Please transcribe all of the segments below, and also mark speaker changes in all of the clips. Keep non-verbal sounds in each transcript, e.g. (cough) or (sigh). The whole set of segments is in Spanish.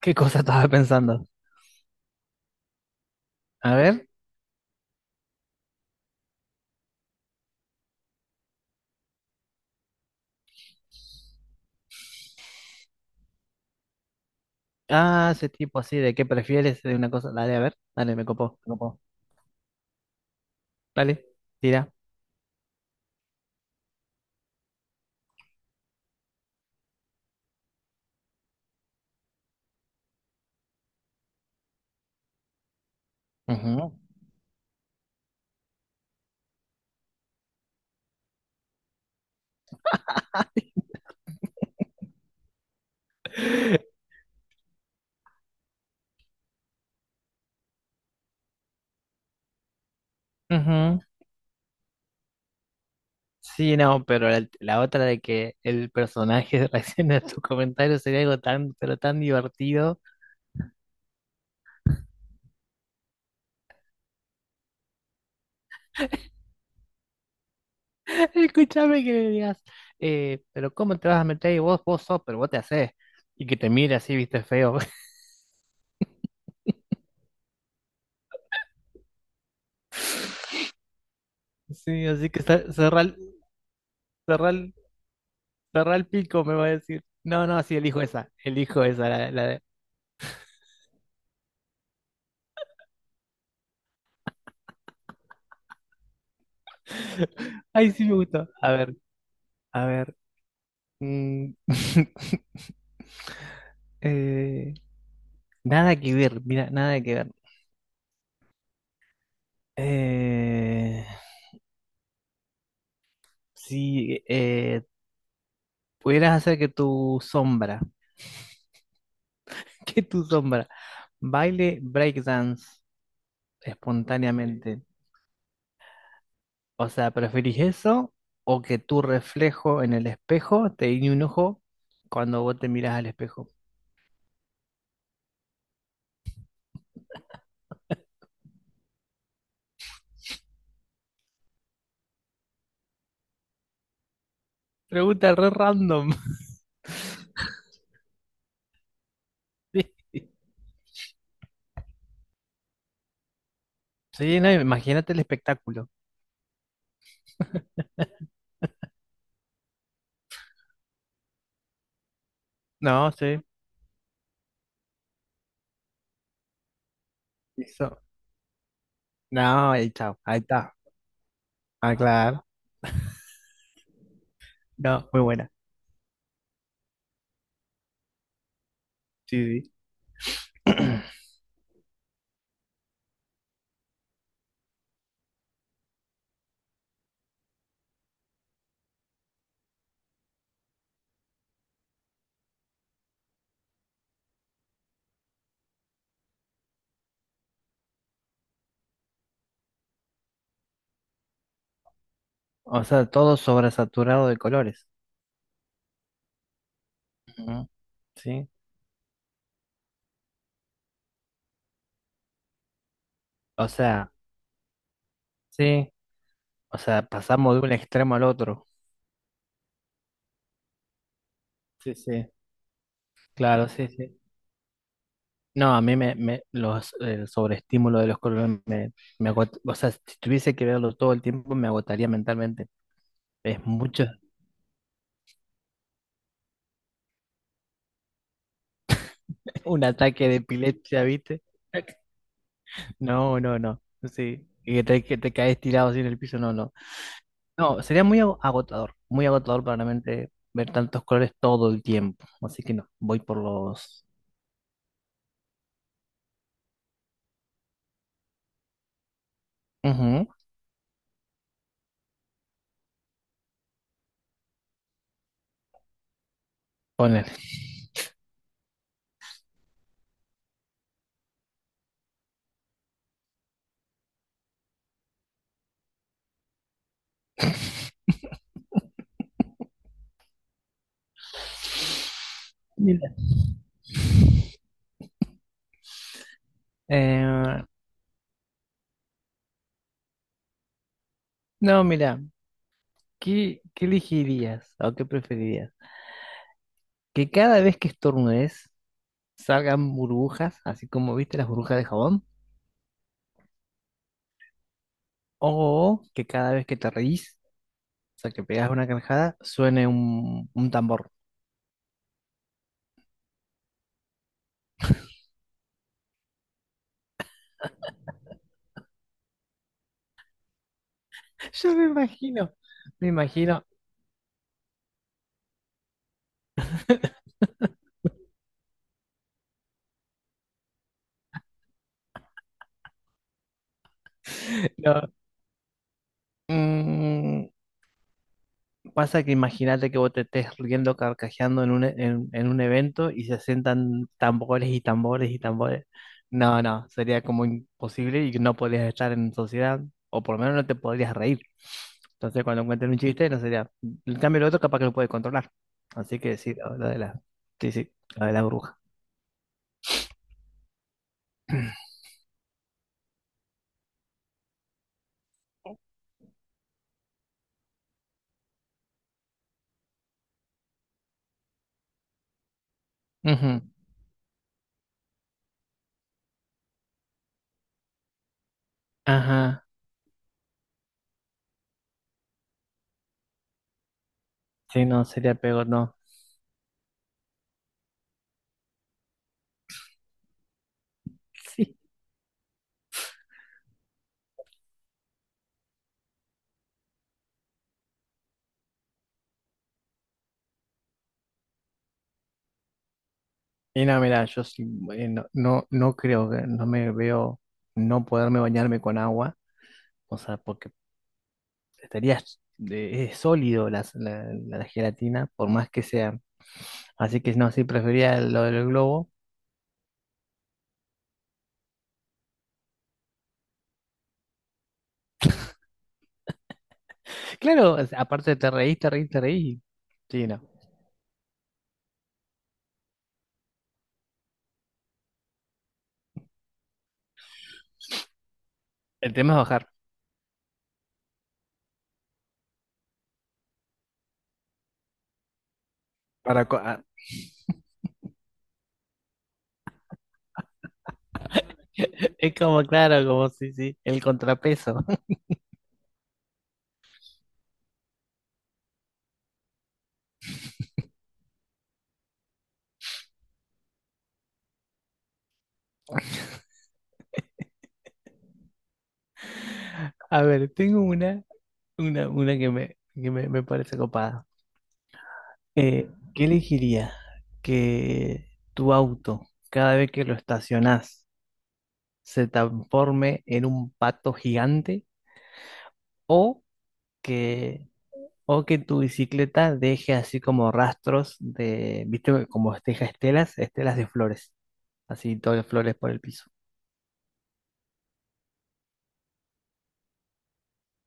Speaker 1: ¿Qué cosa estaba pensando? A ver. Ah, ese tipo así de qué prefieres de una cosa. Dale, a ver. Dale, me copó, me copó. Dale, tira. Ujú. Ujú. Sí, no, pero la otra de que el personaje (laughs) reaccione a tus comentarios sería algo tan, pero tan divertido. (laughs) Escúchame que le digas, pero ¿cómo te vas a meter? Y vos sos, pero vos te hacés. Y que te mire así, viste, feo. (laughs) Sí, así que cerrá cerrá el- el pico, me va a decir. No, no, sí, elijo esa, (laughs) Ay, sí me gustó. A ver, a ver. Mm. (laughs) eh, nada que ver, mira, nada que ver. Eh, si pudieras hacer que tu sombra, (laughs) que tu sombra, baile breakdance espontáneamente, o sea, ¿preferís eso o que tu reflejo en el espejo te guiñe un ojo cuando vos te mirás al espejo? Pregunta re random. (laughs) Sí, no, imagínate el espectáculo. No, sí. Eso. No, ahí está, ahí está. Ah, claro. No, muy buena. Sí, sí. O sea, todo sobresaturado de colores. Ujú. Sí. O sea, sí. O sea, pasamos de un extremo al otro. Sí, sí. Claro, sí, sí. No, a mí el sobreestímulo de los colores me agota. O sea, si tuviese que verlo todo el tiempo, me agotaría mentalmente. Es mucho. (laughs) Un ataque de epilepsia, ¿viste? No, no, no. Sí. Y que te caes tirado así en el piso. No, no. No, sería muy agotador, muy agotador para la mente ver tantos colores todo el tiempo. Así que no, voy por los... Ujú, ponele. Mira. Eh, no, mira, qué elegirías o qué preferirías? ¿Que cada vez que estornudes salgan burbujas, así como viste las burbujas de jabón? ¿O que cada vez que te reís, o sea, que pegas una carcajada, suene un tambor? (laughs) Yo me imagino, me imagino. No. Mm. Pasa que imagínate que vos te estés riendo, carcajeando en en un evento y se sientan tambores y tambores y tambores. No, no, sería como imposible y no podrías estar en sociedad, o por lo menos no te podrías reír. Entonces, cuando encuentren un chiste, no sería. En cambio, el otro capaz que lo puede controlar. Así que sí, la lo de la. Sí, sí, lo de la bruja. (clears throat) Ujú. Ajá. Sí, no, sería peor, no. (laughs) Sí. Y no, mira, yo sí, no creo que no me veo no poderme bañarme con agua. O sea, porque estaría es sólido la gelatina, por más que sea. Así que no, sí, prefería lo del globo. Claro, aparte te reís, te reís, te reís. Sí, no. El tema es bajar. Para co- ah, (laughs) Es como, claro, como sí, sí, el contrapeso. (laughs) A ver, tengo una que me parece copada. Eh, ¿Qué elegiría? Que tu auto, cada vez que lo estacionás, se transforme en un pato gigante o que que tu bicicleta deje así como rastros de, viste, como deja estelas, estelas de flores, así todas las flores por el piso.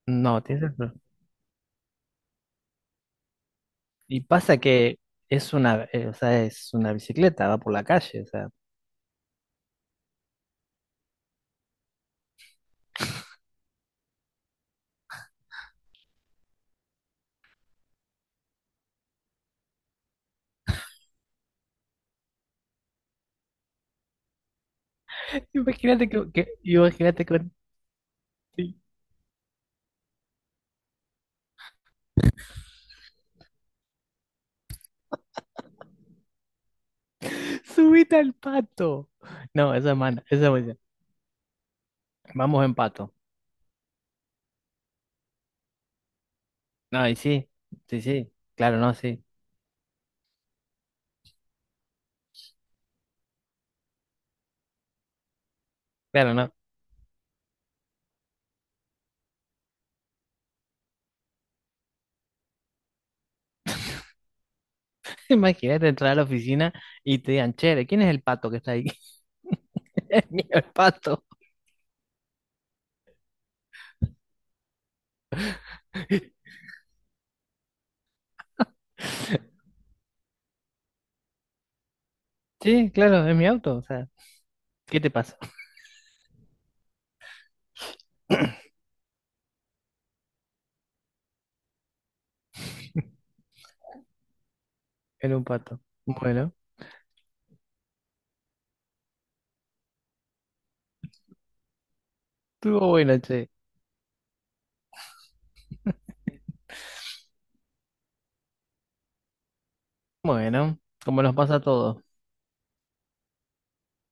Speaker 1: No, tienes razón. Y pasa que es una, o sea, es una bicicleta, va por la calle, o sea. (laughs) Imagínate imagínate que sí, subite al pato. No, esa es mala, esa es buena. Vamos en pato. No, y sí, sí, sí, claro, no, sí, claro, no. (laughs) Imagínate entrar a la oficina y te digan, che, ¿quién es el pato que está ahí? (laughs) Es mío el pato. Sí, claro, es mi auto. O sea, ¿qué te pasa? Era un pato. Bueno, estuvo bueno, che. Bueno, como nos pasa a todos.